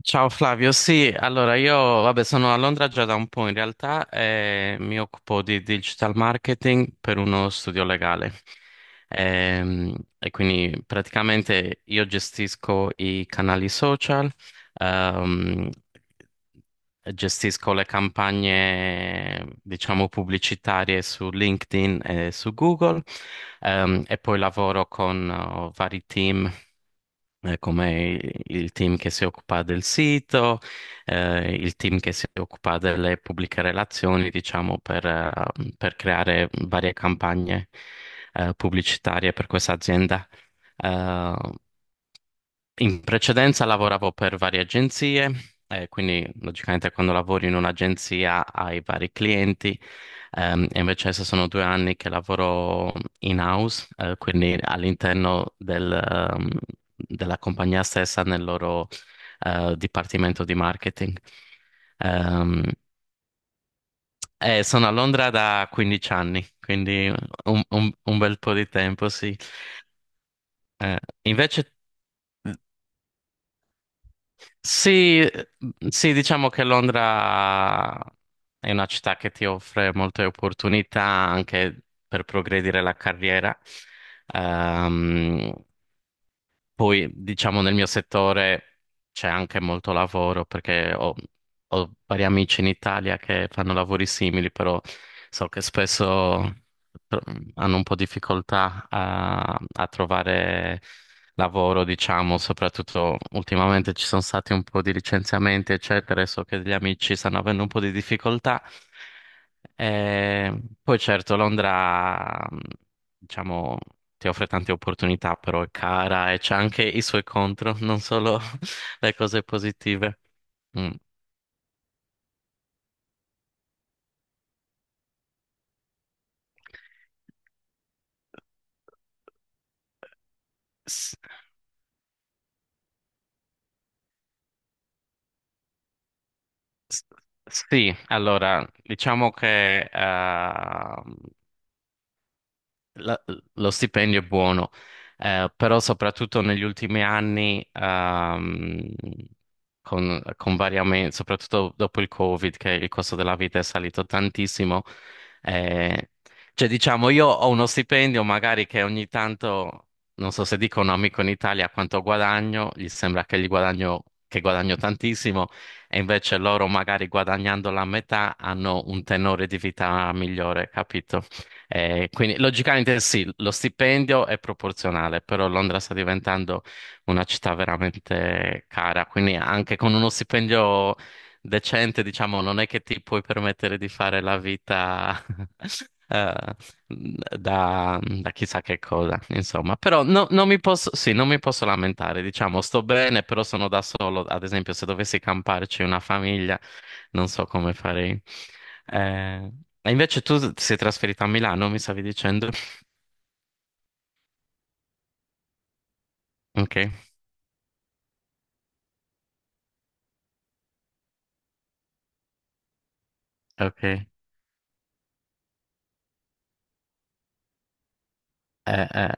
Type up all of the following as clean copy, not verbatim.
Ciao Flavio, sì, allora io vabbè, sono a Londra già da un po' in realtà e mi occupo di digital marketing per uno studio legale. Quindi praticamente io gestisco i canali social, ehm, gestisco le campagne, diciamo, pubblicitarie su LinkedIn e su Google, e poi lavoro con vari team come il team che si occupa del sito, il team che si occupa delle pubbliche relazioni, diciamo, per creare varie campagne, pubblicitarie per questa azienda. Eh, In precedenza lavoravo per varie agenzie, quindi logicamente quando lavori in un'agenzia hai vari clienti, e invece adesso sono 2 anni che lavoro in-house, quindi all'interno del, della compagnia stessa nel loro, dipartimento di marketing. Ehm, e sono a Londra da 15 anni, quindi un, un bel po' di tempo, sì. Invece sì, mhmm, sì, diciamo che Londra è una città che ti offre molte opportunità anche per progredire la carriera. Ehm, Poi, diciamo, nel mio settore c'è anche molto lavoro perché ho vari amici in Italia che fanno lavori simili, però so che spesso tro- hanno un po' difficoltà a trovare lavoro, diciamo, soprattutto ultimamente ci sono stati un po' di licenziamenti, eccetera, e so che gli amici stanno avendo un po' di difficoltà. E poi certo, Londra, diciamo ti offre tante opportunità, però è cara e c'ha anche i suoi contro, non solo le cose positive. Mm. S- s- Sì, allora, diciamo che la- lo stipendio è buono, però soprattutto negli ultimi anni, con vari soprattutto dopo il Covid, che il costo della vita è salito tantissimo, eh, cioè diciamo io ho uno stipendio magari che ogni tanto, non so se dico a un amico in Italia quanto guadagno, gli sembra che, gli guadagno, che guadagno tantissimo, e invece loro magari guadagnando la metà hanno un tenore di vita migliore, capito? Quindi logicamente sì, lo stipendio è proporzionale, però Londra sta diventando una città veramente cara, quindi anche con uno stipendio decente, diciamo, non è che ti puoi permettere di fare la vita eh, mhmm, da, da chissà che cosa, insomma. Però non mi posso, sì, non mi posso lamentare, diciamo, sto bene, però sono da solo. Ad esempio, se dovessi camparci una famiglia, non so come farei. Eh, e invece tu ti sei trasferita a Milano, mi stavi dicendo? Ok, ok. Eh,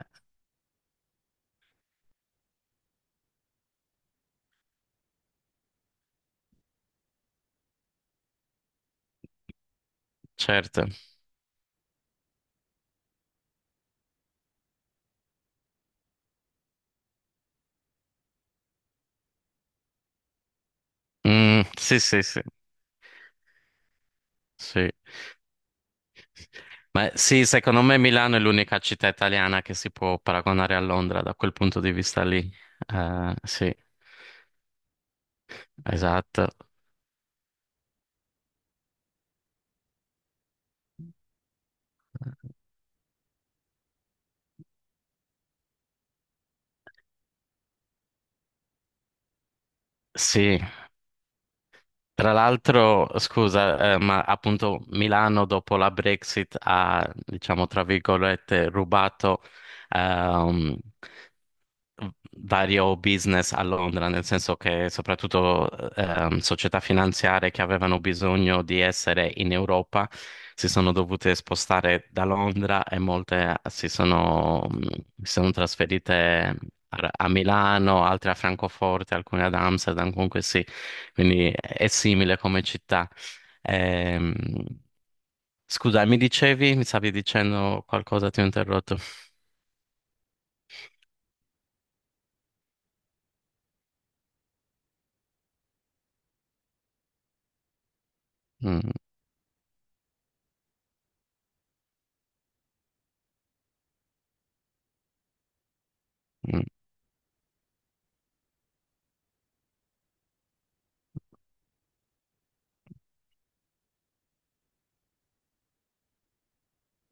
certo. Mm, sì, sì, sì, sì. Ma sì, secondo me Milano è l'unica città italiana che si può paragonare a Londra da quel punto di vista lì. Sì. Esatto. Sì, tra l'altro, scusa, ma appunto Milano dopo la Brexit ha, diciamo, tra virgolette, rubato ehm, vario business a Londra, nel senso che soprattutto società finanziarie che avevano bisogno di essere in Europa si sono dovute spostare da Londra e molte si sono, si sono trasferite a Milano, altre a Francoforte, alcune ad Amsterdam, comunque sì, quindi è simile come città. Ehm, Scusa, mi dicevi, mi stavi dicendo qualcosa, ti ho interrotto. Mm, mm,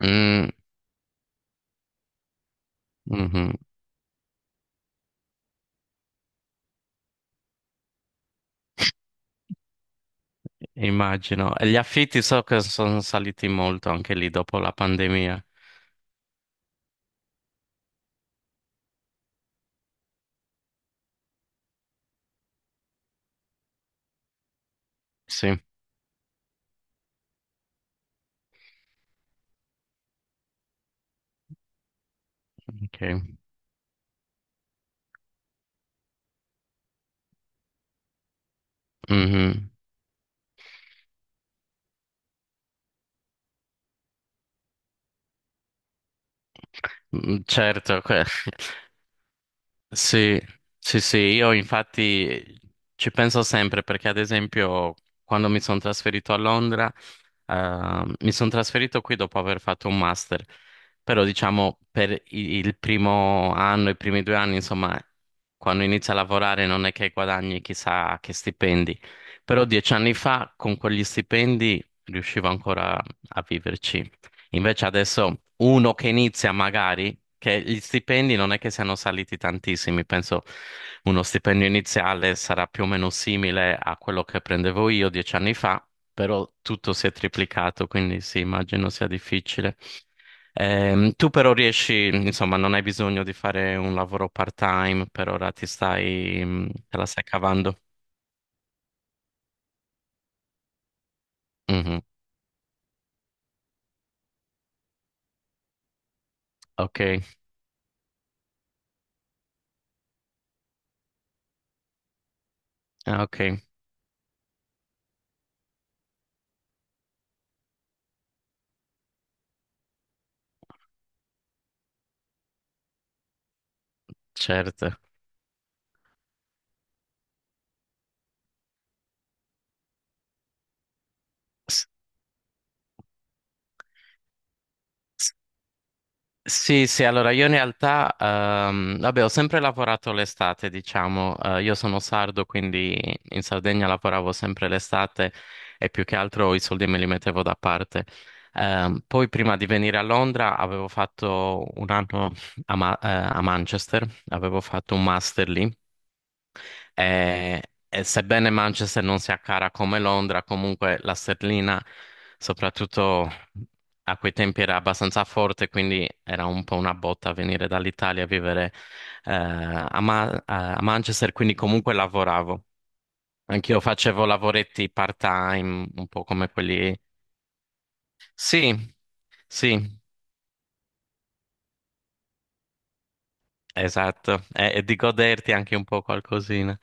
mm, mhm. Immagino. E gli affitti so che sono saliti molto anche lì dopo la pandemia. Sì, ok. Mhm. Mm, certo, sì, sì, sì, io infatti ci penso sempre perché ad esempio quando mi sono trasferito a Londra mi sono trasferito qui dopo aver fatto un master, però diciamo per il primo anno, i primi 2 anni, insomma, quando inizi a lavorare non è che guadagni chissà che stipendi, però 10 anni fa con quegli stipendi riuscivo ancora a viverci. Invece adesso uno che inizia magari, che gli stipendi non è che siano saliti tantissimi, penso uno stipendio iniziale sarà più o meno simile a quello che prendevo io 10 anni fa però tutto si è triplicato, quindi sì, immagino sia difficile. Tu però riesci, insomma, non hai bisogno di fare un lavoro part-time, per ora ti stai, te la stai cavando. Mhm, ok, ah, ok, certo. S- Sì, sì, allora io in realtà, vabbè, ho sempre lavorato l'estate, diciamo, eh, io sono sardo, quindi in Sardegna lavoravo sempre l'estate e più che altro i soldi me li mettevo da parte. Poi prima di venire a Londra avevo fatto un anno a, a Manchester, avevo fatto un master lì e, e sebbene Manchester non sia cara come Londra, comunque la sterlina, soprattutto a quei tempi, era abbastanza forte, quindi era un po' una botta venire dall'Italia a vivere a, a Manchester, quindi comunque lavoravo. Anch'io facevo lavoretti part-time, un po' come quelli... Sì, sì, esatto, e di goderti anche un po' qualcosina.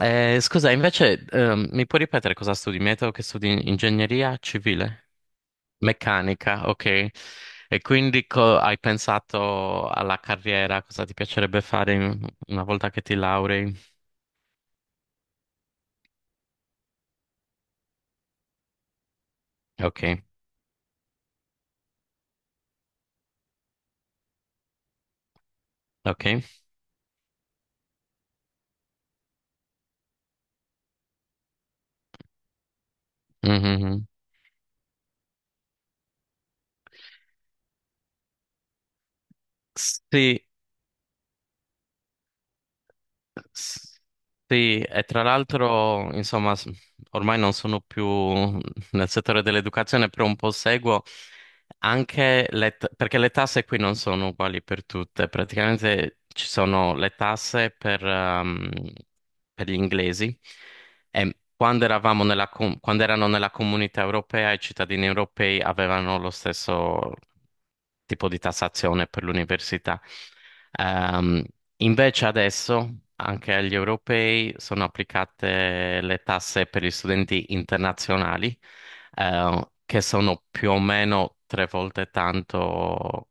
Scusa, invece, mi puoi ripetere cosa studi? Mi hai detto che studi ingegneria civile? Meccanica, ok. E quindi hai pensato alla carriera, cosa ti piacerebbe fare una volta che ti laurei? Ok, ok. Mhm. Sì, S- sì, e tra l'altro, insomma, ormai non sono più nel settore dell'educazione, però un po' seguo anche perché le tasse qui non sono uguali per tutte. Praticamente ci sono le tasse per gli inglesi e quando eravamo nella, quando erano nella comunità europea, i cittadini europei avevano lo stesso tipo di tassazione per l'università. Ehm, Invece adesso anche agli europei sono applicate le tasse per gli studenti internazionali, che sono più o meno 3 volte tanto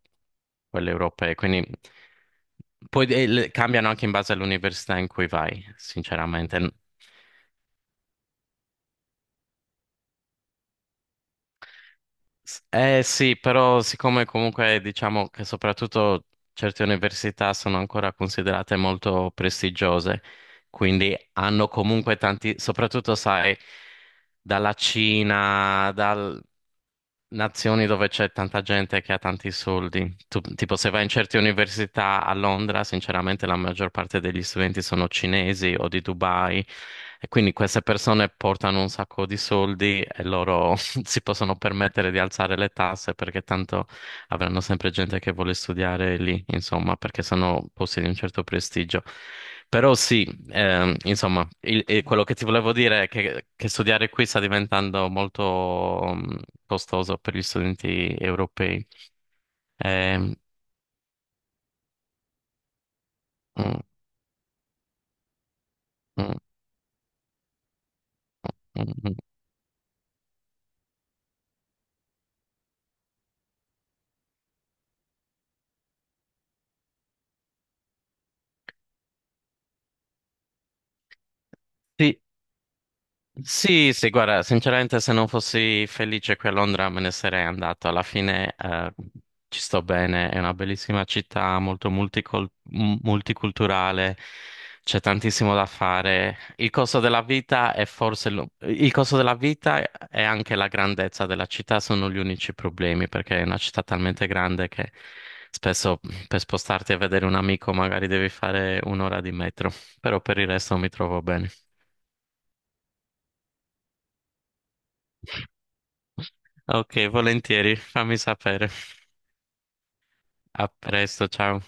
quelle europee. Quindi poi cambiano anche in base all'università in cui vai, sinceramente. Eh sì, però siccome comunque diciamo che soprattutto certe università sono ancora considerate molto prestigiose, quindi hanno comunque tanti, soprattutto sai, dalla Cina, nazioni dove c'è tanta gente che ha tanti soldi. Tipo, se vai in certe università a Londra, sinceramente la maggior parte degli studenti sono cinesi o di Dubai, e quindi queste persone portano un sacco di soldi e loro si possono permettere di alzare le tasse perché tanto avranno sempre gente che vuole studiare lì, insomma, perché sono posti di un certo prestigio. Però sì, insomma, e quello che ti volevo dire è che studiare qui sta diventando molto mm, costoso per gli studenti europei. Ehm, mm, mm, mm, mm. Sì, sì, sì, guarda, sinceramente se non fossi felice qui a Londra me ne sarei andato. Alla fine ci sto bene, è una bellissima città, molto multiculturale, c'è tantissimo da fare. Il costo della vita è forse il costo della vita e anche la grandezza della città sono gli unici problemi, perché è una città talmente grande che spesso per spostarti a vedere un amico magari devi fare un'ora di metro, però per il resto mi trovo bene. Ok, volentieri, fammi sapere. A presto, ciao.